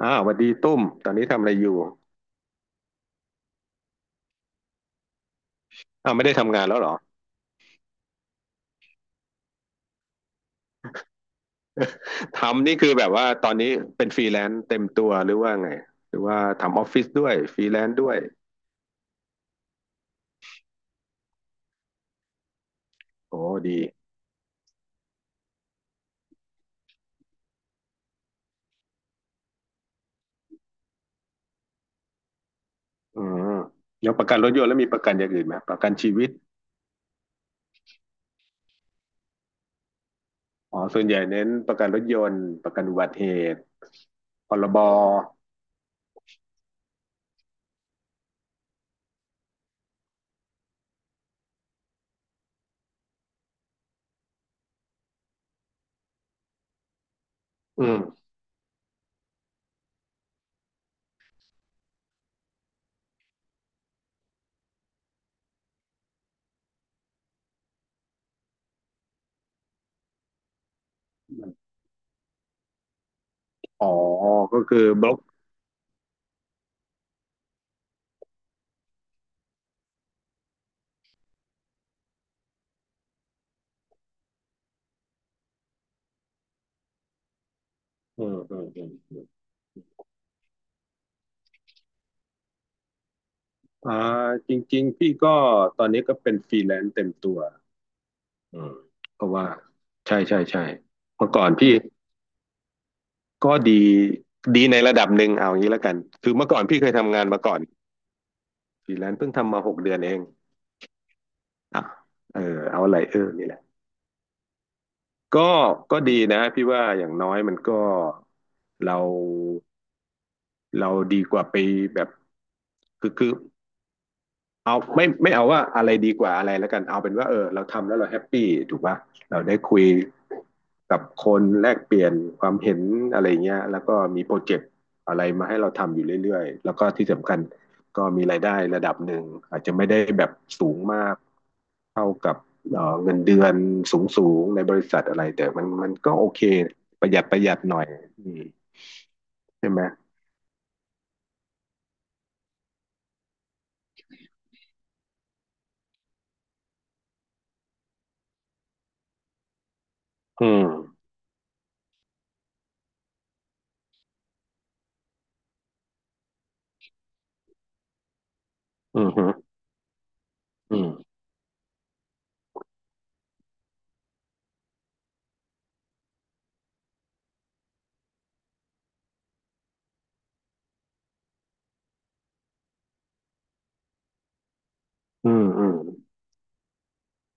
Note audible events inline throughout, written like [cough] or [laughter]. อ่าสวัสดีตุ้มตอนนี้ทำอะไรอยู่อ้าวไม่ได้ทำงานแล้วเหรอทำนี่คือแบบว่าตอนนี้เป็นฟรีแลนซ์เต็มตัวหรือว่าไงหรือว่าทำออฟฟิศด้วยฟรีแลนซ์ด้วยโอ้ดีอืมแล้วประกันรถยนต์แล้วมีประกันอย่างอื่นไหมประกันชีวิตอ๋อส่วนใหญ่เน้นประกันรถยนต์ประกันอุบัติเหตุพรบอืมอ๋อก็คือบล็อกอืมอืมอืมอมอ่าจริงๆพี่ก็ตอนนี้ก็เป็นฟรีแลนซ์เต็มตัวอืมเพราะว่าใช่ใช่ใช่เมื่อก่อนพี่ ก็ดีดีในระดับหนึ่งเอาอย่างนี้แล้วกันคือเมื่อก่อนพี่เคยทำงานมาก่อนฟรีแลนซ์เพิ่งทำมาหกเดือนเองอ่ะเออเอาอะไรเออนี่แหละก็ก็ดีนะพี่ว่าอย่างน้อยมันก็เราเราดีกว่าไปแบบคือ เอาไม่เอาว่าอะไรดีกว่าอะไรแล้วกันเอาเป็นว่าเออเราทำแล้วเราแฮปปี้ถูกป่ะเราได้คุยกับคนแลกเปลี่ยนความเห็นอะไรเงี้ยแล้วก็มีโปรเจกต์อะไรมาให้เราทำอยู่เรื่อยๆแล้วก็ที่สำคัญก็มีรายได้ระดับหนึ่งอาจจะไม่ได้แบบสูงมากเท่ากับเงินเดือนสูงๆในบริษัทอะไรแต่มันก็โอเคประหยัดประหยัดหน่อยอืมใช่ไหมอืมอืมฮึอืมอืมอืม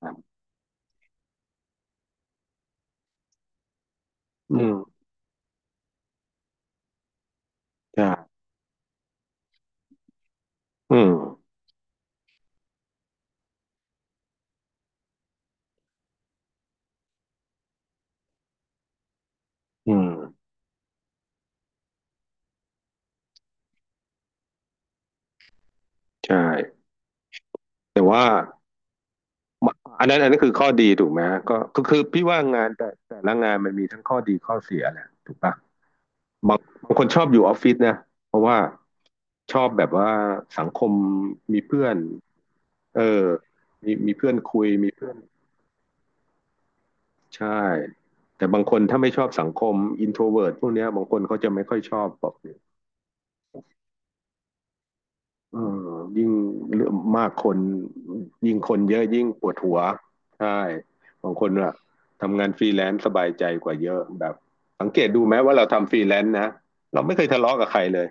ครับอืมใช่อืมอืม ใช่แต่ว่าอันนั้นอันนั้นคือข้อดีถูกไหมฮะก็ก็คือพี่ว่างานแต่แต่ละงานมันมีทั้งข้อดีข้อเสียแหละถูกปะบางบางคนชอบอยู่ออฟฟิศนะเพราะว่าชอบแบบว่าสังคมมีเพื่อนเออมีมีเพื่อนคุยมีเพื่อนใช่แต่บางคนถ้าไม่ชอบสังคมอินโทรเวิร์ตพวกเนี้ยบางคนเขาจะไม่ค่อยชอบบอก อืมยิ่งเรื่องมากคนยิ่งคนเยอะยิ่งปวดหัวใช่บางคนอะทำงานฟรีแลนซ์สบายใจกว่าเยอะแบบสังเกตดูไหมว่าเราทำฟรีแลนซ์นะเราไม่เคยทะเลาะกับใครเลย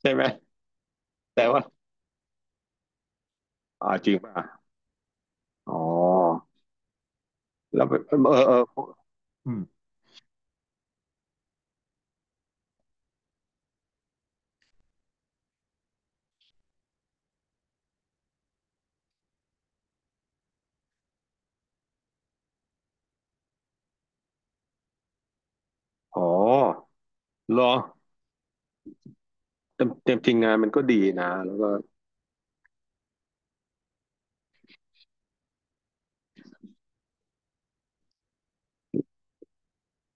ใช่ไหมแต่ว่าอ่าจริงป่ะอ๋อแล้วแบบเออเอออืมอ๋อเหรอเต็มเต็มจริงงานมันก็ดีนะแล้วก็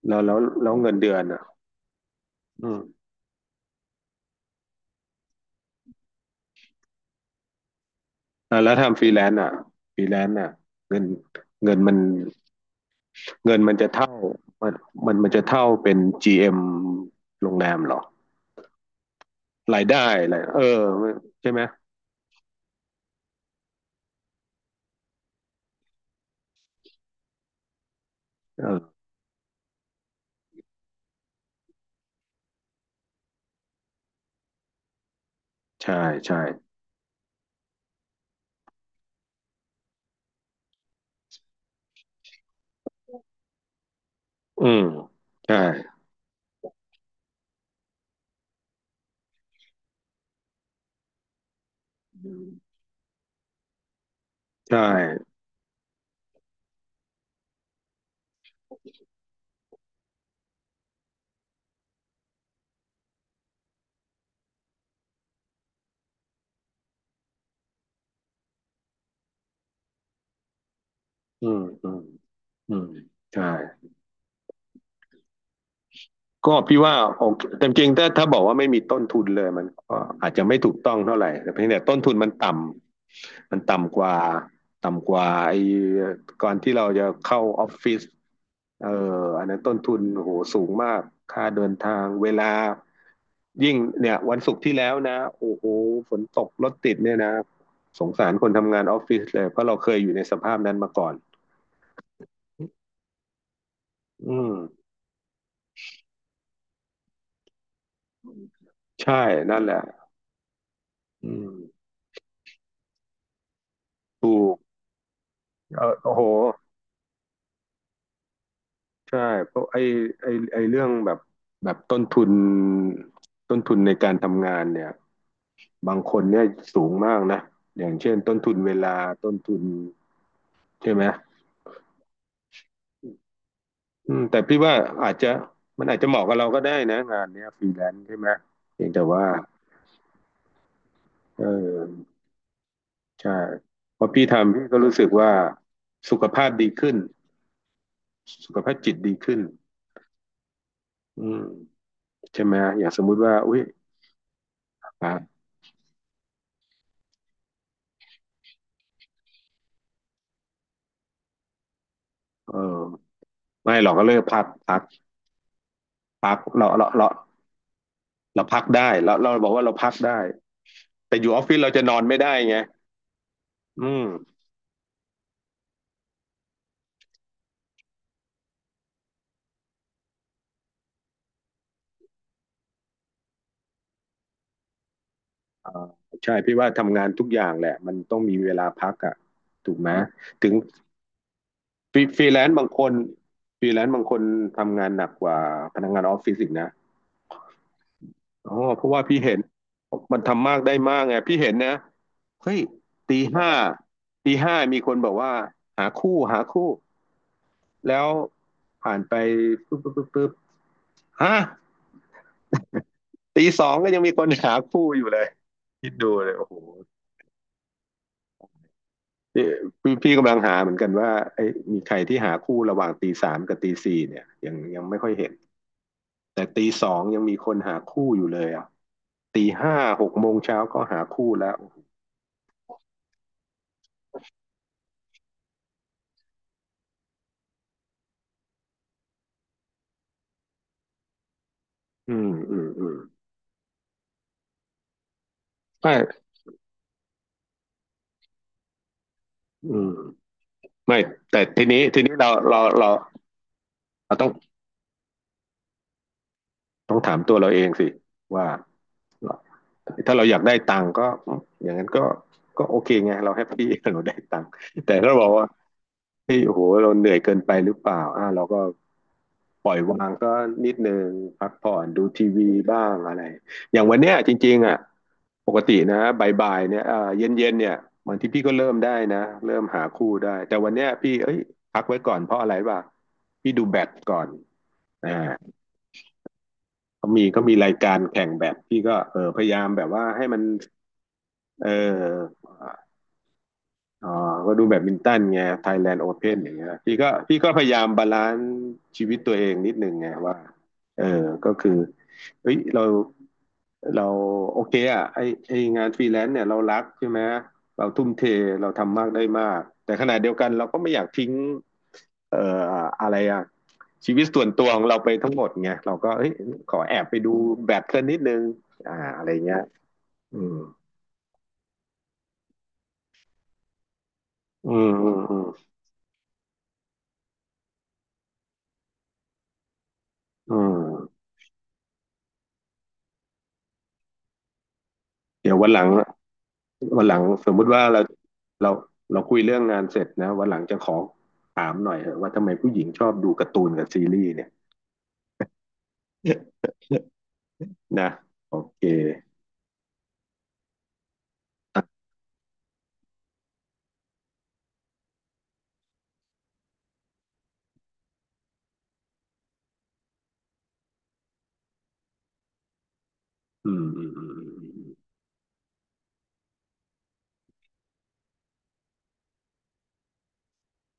แล้วแล้วแล้วเงินเดือนอ่ะอืมอ่ะแล้วทำฟรีแลนซ์อ่ะฟรีแลนซ์อ่ะเงินเงินมัน เงินมันจะเท่ามันมันมันจะเท่าเป็น GM โรงแรมเหรอรายได้อะไรเออใช่ไหมเออใช่ใช่อืมใช่ใช่อืมอืมอืมใช่ ก็พี่ว่าโอเคแต่จริงๆถ้าถ้าบอกว่าไม่มีต้นทุนเลยมันก็อาจจะไม่ถูกต้องเท่าไหร่แต่เพียงแต่ต้นทุนมันต่ำมันต่ำกว่าต่ำกว่าไอ้ก่อนที่เราจะเข้าออฟฟิศเอ่ออันนั้นต้นทุนโอ้โหสูงมากค่าเดินทางเวลายิ่งเนี่ยวันศุกร์ที่แล้วนะโอ้โหฝนตกรถติดเนี่ยนะสงสารคนทำงานออฟฟิศเลยเพราะเราเคยอยู่ในสภาพนั้นมาก่อนอืมใช่นั่นแหละอืมถูกเออโอ้โห ใช่เพราะไอ้เรื่องแบบแบบต้นทุนต้นทุนในการทำงานเนี่ยบางคนเนี่ยสูงมากนะอย่างเช่นต้นทุนเวลาต้นทุนใช่ไหมอืมแต่พี่ว่าอาจจะอาจจะเหมาะกับเราก็ได้นะงานเนี้ยฟรีแลนซ์ใช่ไหมเพียงแต่ว่าเออใช่พอพี่ทำพี่ก็รู้สึกว่าสุขภาพดีขึ้นสุขภาพจิตดีขึ้นอืมใช่ไหมอย่างสมมุติว่าอุ้ยอ่ะเออไม่หรอกก็เลยพักพักเราเรา เราพักได้เราบอกว่าเราพักได้แต่อยู่ออฟฟิศเราจะนอนไม่ได้ไงอืมอ่าใช่พี่ว่าทำงานทุกอย่างแหละมันต้องมีเวลาพักอ่ะถูกไหมถึงฟรีแลนซ์บางคนฟรีแลนซ์บางคนทำงานหนักกว่าพนักงานออฟฟิศอีกนะอ๋อเพราะว่าพี่เห็นมันทำมากได้มากไงพี่เห็นนะเฮ้ยตีห้าตีห้ามีคนบอกว่าหาคู่แล้วผ่านไปปุ๊บปุ๊บปุ๊บปุ๊บฮะ ตีสองก็ยังมีคนหาคู่อยู่เลยคิดดูเลยโอ้โหนี่พี่กำลังหาเหมือนกันว่าไอ้ยมีใครที่หาคู่ระหว่างตีสามกับตีสี่เนี่ยยังไม่ค่อยเห็นแต่ตีสองยังมีคนหาคู่อยู่เลยอ่ะตีห้าหกโมงเช้าก็หาคู่แล้วอืมอืมอืมไม่อืมไม่แต่ทีนี้เราเราต้องต้องถามตัวเราเองสิว่าถ้าเราอยากได้ตังค์ก็อย่างนั้นก็ก็โอเคไงเราแฮปปี้ [laughs] เราได้ตังค์แต่ถ้าเราบอกว่า เี่โอ้โหเราเหนื่อยเกินไปหรือเปล่าอ่าเราก็ปล่อยวางก็นิดนึงพักผ่อนดูทีวีบ้างอะไรอย่างวันเนี้ยจริงๆอ่ะปกตินะบ่ายๆเนี่ยอ่าเย็นๆเนี่ยบางทีพี่ก็เริ่มได้นะเริ่มหาคู่ได้แต่วันเนี้ยพี่เอ้ยพักไว้ก่อนเพราะอะไรวะพี่ดูแบดก่อนอ่าเขามีรายการแข่งแบดพี่ก็เออพยายามแบบว่าให้มันเออ อ๋อก็ดูแบดมินตันไงไทยแลนด์โอเพ่นอย่างเงี้ยพี่ก็พยายามบาลานซ์ชีวิตตัวเองนิดนึงไงว่าเออก็คือเฮ้ยเราโอเคอ่ะไอไองานฟรีแลนซ์เนี่ยเรารักใช่ไหมเราทุ่มเทเราทำมากได้มากแต่ขณะเดียวกันเราก็ไม่อยากทิ้งเอ่ออะไรอ่ะชีวิตส่วนตัวของเราไปทั้งหมดไงเราก็เอ้ยขอแอบไปดูแบดสักนิดนึงอะไรเงี้ยอืมอืมอืมอืมอืมเดี๋ยววันหลัง วันหลังสมมุติว่าเราเราคุยเรื่องงานเสร็จนะวันหลังจะขอถามหน่อยเถอะว่าทำไมผู้หญิงชอบดูการ์ตูนกับซีรีส์เนี่ย [laughs] นะโอเคอะอืมอืมอืม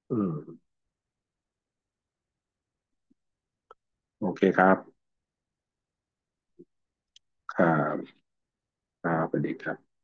อืมอืมโอเคครับครับครับสวัสดีครับ